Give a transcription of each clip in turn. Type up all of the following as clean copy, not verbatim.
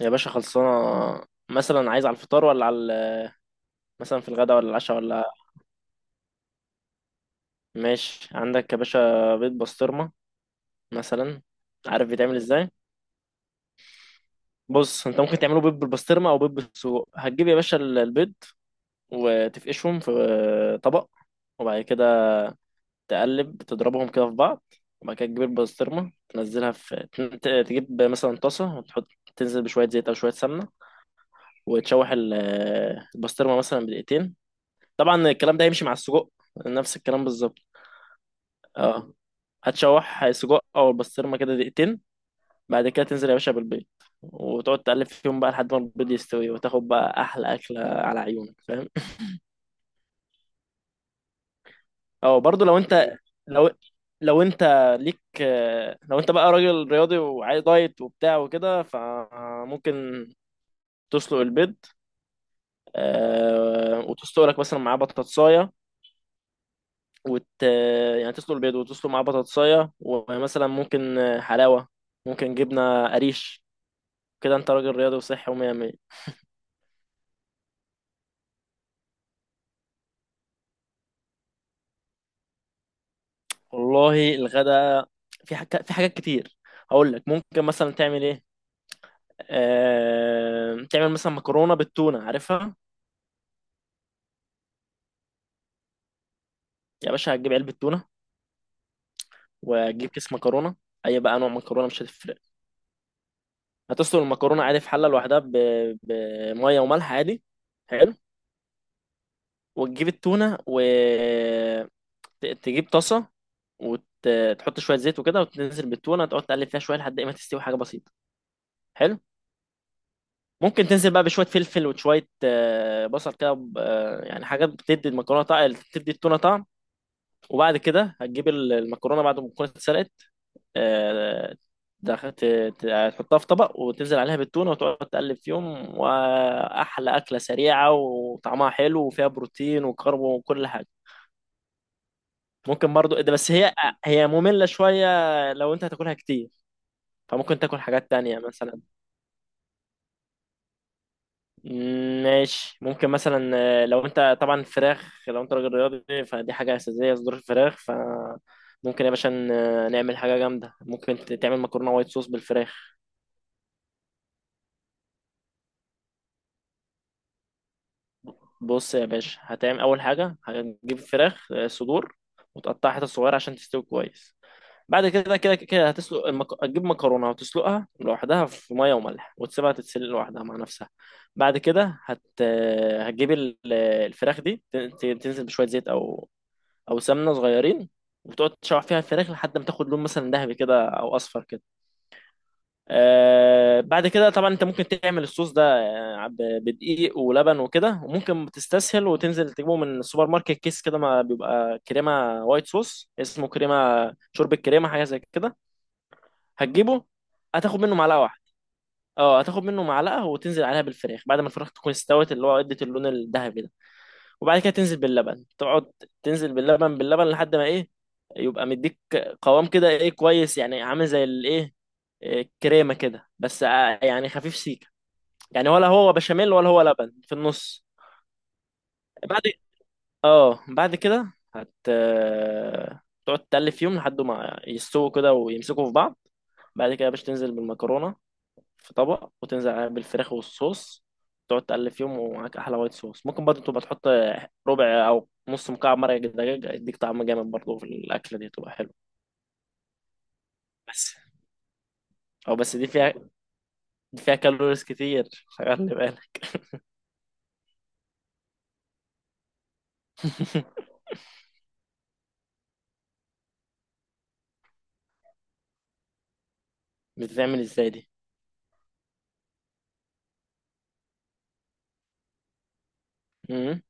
يا باشا خلصانة. مثلا عايز على الفطار، ولا على، مثلا في الغداء، ولا العشاء، ولا... ماشي. عندك يا باشا بيض بسطرمة مثلا؟ عارف بيتعمل ازاي؟ بص، انت ممكن تعمله بيض بالبسطرمة او بيض بالسجق. هتجيب يا باشا البيض وتفقشهم في طبق، وبعد كده تقلب تضربهم كده في بعض، وبعد كده تجيب البسطرمة تنزلها في تجيب مثلا طاسة وتحط، تنزل بشوية زيت أو شوية سمنة، وتشوح البسطرمة مثلا بدقيقتين. طبعا الكلام ده هيمشي مع السجق، نفس الكلام بالظبط. اه، هتشوح سجق او البسطرمه كده دقيقتين، بعد كده تنزل يا باشا بالبيض، وتقعد تقلب فيهم بقى لحد ما البيض يستوي، وتاخد بقى احلى اكله على عيونك. فاهم؟ اه، برضو لو انت، لو لو انت ليك لو انت بقى راجل رياضي وعايز دايت وبتاع وكده، فممكن تسلق البيض، وتسلق لك مثلا معاه بطاطسايه، وت يعني تسلق البيض وتسلق معاه بطاطسايه، ومثلا ممكن حلاوه، ممكن جبنه قريش، كده انت راجل رياضي وصحي ومية مية. والله الغدا، في حاجات كتير. هقول لك ممكن مثلا تعمل ايه. تعمل مثلا مكرونة بالتونة، عارفها؟ يا باشا، هتجيب علبة تونة وتجيب كيس مكرونة، اي بقى نوع مكرونة مش هتفرق. هتسلق المكرونة عادي في حلة لوحدها بمية وملح عادي. حلو. وتجيب التونة وتجيب طاسة، وتحط شوية زيت وكده، وتنزل بالتونة تقعد تقلب فيها شوية لحد ايه ما تستوي، حاجة بسيطة. حلو. ممكن تنزل بقى بشويه فلفل وشويه بصل كده، يعني حاجات بتدي المكرونه طعم، بتدي التونه طعم. وبعد كده هتجيب المكرونه بعد ما تكون اتسلقت، آه، دخ- ت- هتحطها في طبق وتنزل عليها بالتونه، وتقعد تقلب فيهم، واحلى اكله سريعه وطعمها حلو وفيها بروتين وكرب وكل حاجه. ممكن برضو إيه ده، بس هي ممله شويه لو انت هتاكلها كتير، فممكن تاكل حاجات تانية مثلا. ماشي. ممكن مثلا، لو انت طبعا فراخ، لو انت راجل رياضي فدي حاجة أساسية، صدور الفراخ. فممكن يا باشا نعمل حاجة جامدة، ممكن تعمل مكرونة وايت صوص بالفراخ. بص يا باشا، هتعمل أول حاجة، هتجيب فراخ، صدور، وتقطعها حتت صغيرة عشان تستوي كويس. بعد كده هتسلق هتجيب مكرونة وتسلقها لوحدها في مية وملح، وتسيبها تتسلق لوحدها مع نفسها. بعد كده هت... آه، هتجيب الفراخ دي، تنزل بشوية زيت أو او سمنه صغيرين، وتقعد تشوح فيها الفراخ لحد ما تاخد لون مثلا ذهبي كده او اصفر كده. آه، بعد كده طبعا انت ممكن تعمل الصوص ده بدقيق ولبن وكده، وممكن تستسهل وتنزل تجيبه من السوبر ماركت، كيس كده ما بيبقى كريمه وايت صوص، اسمه كريمه شوربه كريمه، حاجه زي كده. هتجيبه، هتاخد منه معلقه واحده. اه، هتاخد منه معلقه وتنزل عليها بالفراخ بعد ما الفراخ تكون استوت، اللي هو ادت اللون الذهبي ده. وبعد كده تنزل باللبن، تقعد تنزل باللبن، لحد ما ايه، يبقى مديك قوام كده، ايه، كويس، يعني عامل زي الايه، إيه، آه، كريمه كده بس، يعني خفيف سيكه، يعني ولا هو بشاميل ولا هو لبن في النص. بعد، اه بعد كده هت آه، تقعد تقلب فيهم لحد ما يستووا كده ويمسكوا في بعض. بعد كده باش تنزل بالمكرونه في طبق، وتنزل عليه بالفراخ والصوص، تقعد تقلب فيهم ومعاك احلى وايت صوص. ممكن برضه تبقى تحط ربع او نص مكعب مرق دجاج، يديك طعم جامد برضه في الاكله دي، تبقى حلوه. بس بس دي فيها كالوريز كتير، خلي بالك. بتتعمل ازاي دي؟ امم،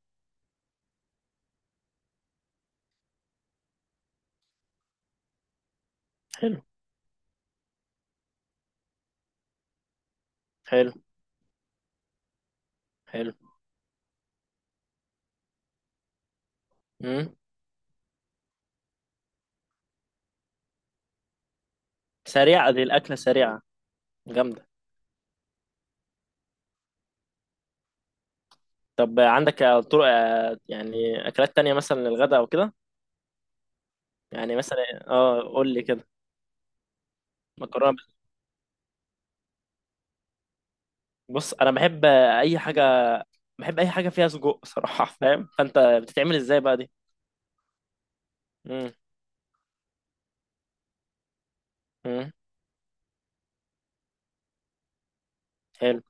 حلو، حلو، حلو، امم. سريعه دي الاكله، سريعه. جامده. طب عندك طرق، يعني اكلات تانية مثلا للغدا او كده؟ يعني مثلا، اه قول لي كده. مكرونه. بص، انا بحب اي حاجه، بحب اي حاجه فيها سجق صراحه. فاهم؟ فانت بتتعمل ازاي بقى دي؟ امم، امم، حلو،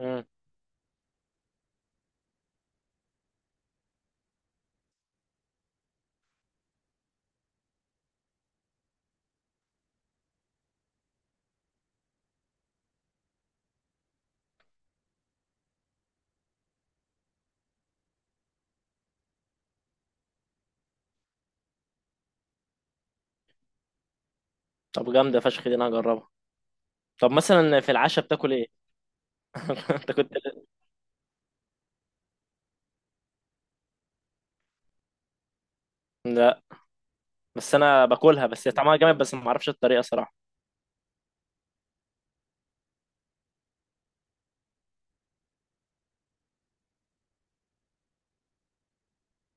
امم. طب جامده فشخ دي، انا هجربها. طب مثلا في العشاء بتاكل ايه؟ انت كنت. لا، بس انا باكلها، بس هي طعمها جامد، بس ما اعرفش الطريقه صراحه.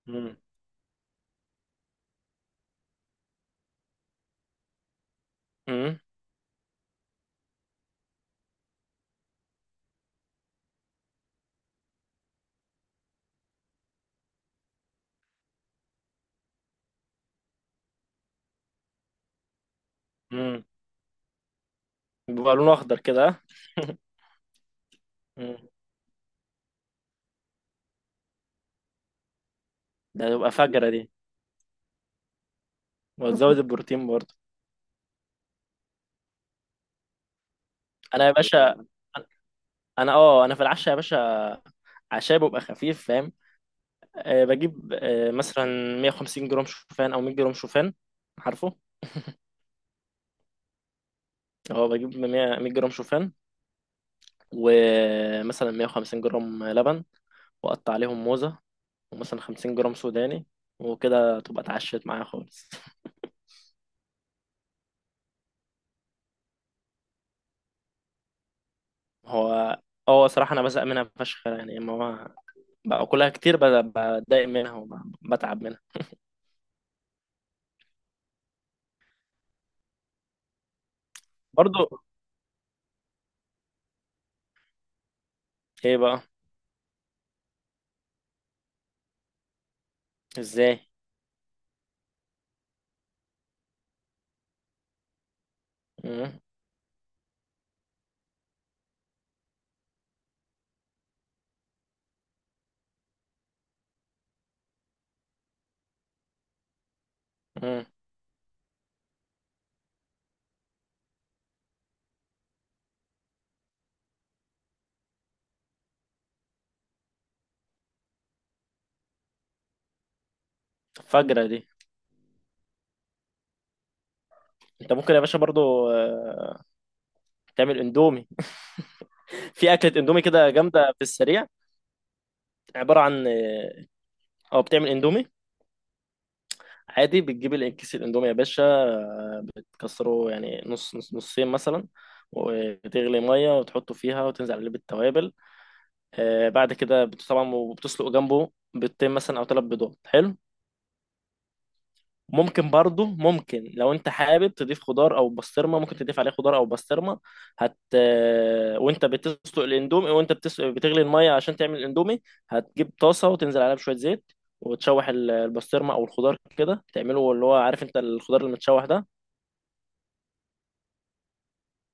امم، امم، امم. بيبقى لونه اخضر كده، ها؟ مم. ده تبقى فجره دي. وتزود البروتين برضه. انا يا باشا، انا في العشاء يا باشا، عشاء بيبقى خفيف، فاهم؟ أه بجيب مثلا 150 جرام شوفان، او 100 جرام شوفان، عارفه؟ اه، بجيب 100 جرام شوفان، ومثلا 150 جرام لبن، واقطع عليهم موزة، ومثلا 50 جرام سوداني، وكده تبقى اتعشت معايا خالص. هو، اه صراحة انا بزهق منها فشخ يعني، اما هو باكلها كتير بتضايق منها وبتعب منها. برضو. ايه بقى. ازاي؟ مم، مم. فجرة دي. انت ممكن يا باشا برضو تعمل اندومي، في اكله اندومي كده جامده في السريع. عباره عن، اه بتعمل اندومي عادي، بتجيب كيس الاندومي يا باشا، بتكسره يعني نص، نصين مثلا، وتغلي ميه وتحطه فيها وتنزل عليه بالتوابل. بعد كده طبعا، وبتسلق جنبه بيضتين مثلا او ثلاث بيضات. حلو. ممكن برضو، ممكن لو انت حابب تضيف خضار او بسطرمه، ممكن تضيف عليه خضار او بسطرمه. هت آه، وانت بتسلق الاندومي، وانت بتغلي الميه عشان تعمل الاندومي، هتجيب طاسه وتنزل عليها بشويه زيت، وتشوح البسطرمه او الخضار كده، تعمله اللي هو عارف انت الخضار المتشوح ده.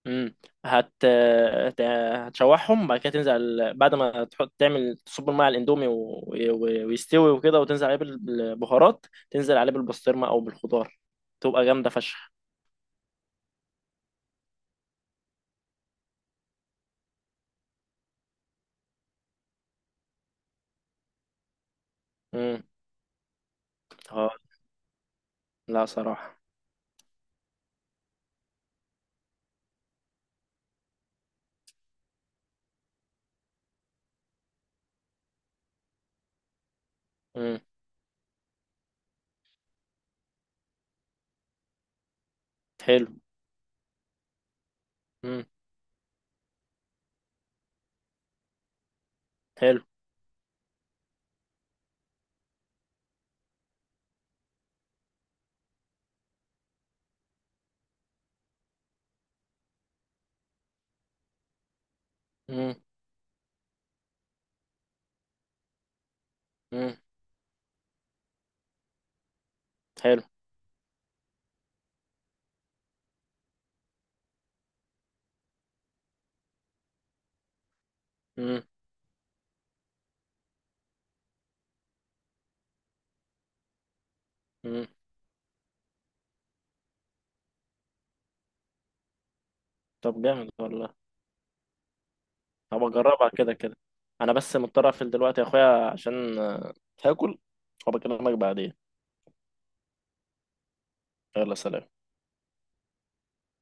امم. هتشوحهم، بعد كده تنزل بعد ما تحط تعمل تصب الميه على الاندومي، ويستوي وكده، وتنزل عليه بالبهارات، تنزل عليه بالبسطرمه او بالخضار، تبقى جامده فشخ. مم. اه، لا صراحة. امم، حلو، امم، حلو، امم، امم، حلو، امم، امم. طب جامد والله، هبقى اجربها كده كده. انا بس مضطر اقفل دلوقتي يا اخويا عشان هاكل وبكلمك بعدين. يلا، سلام.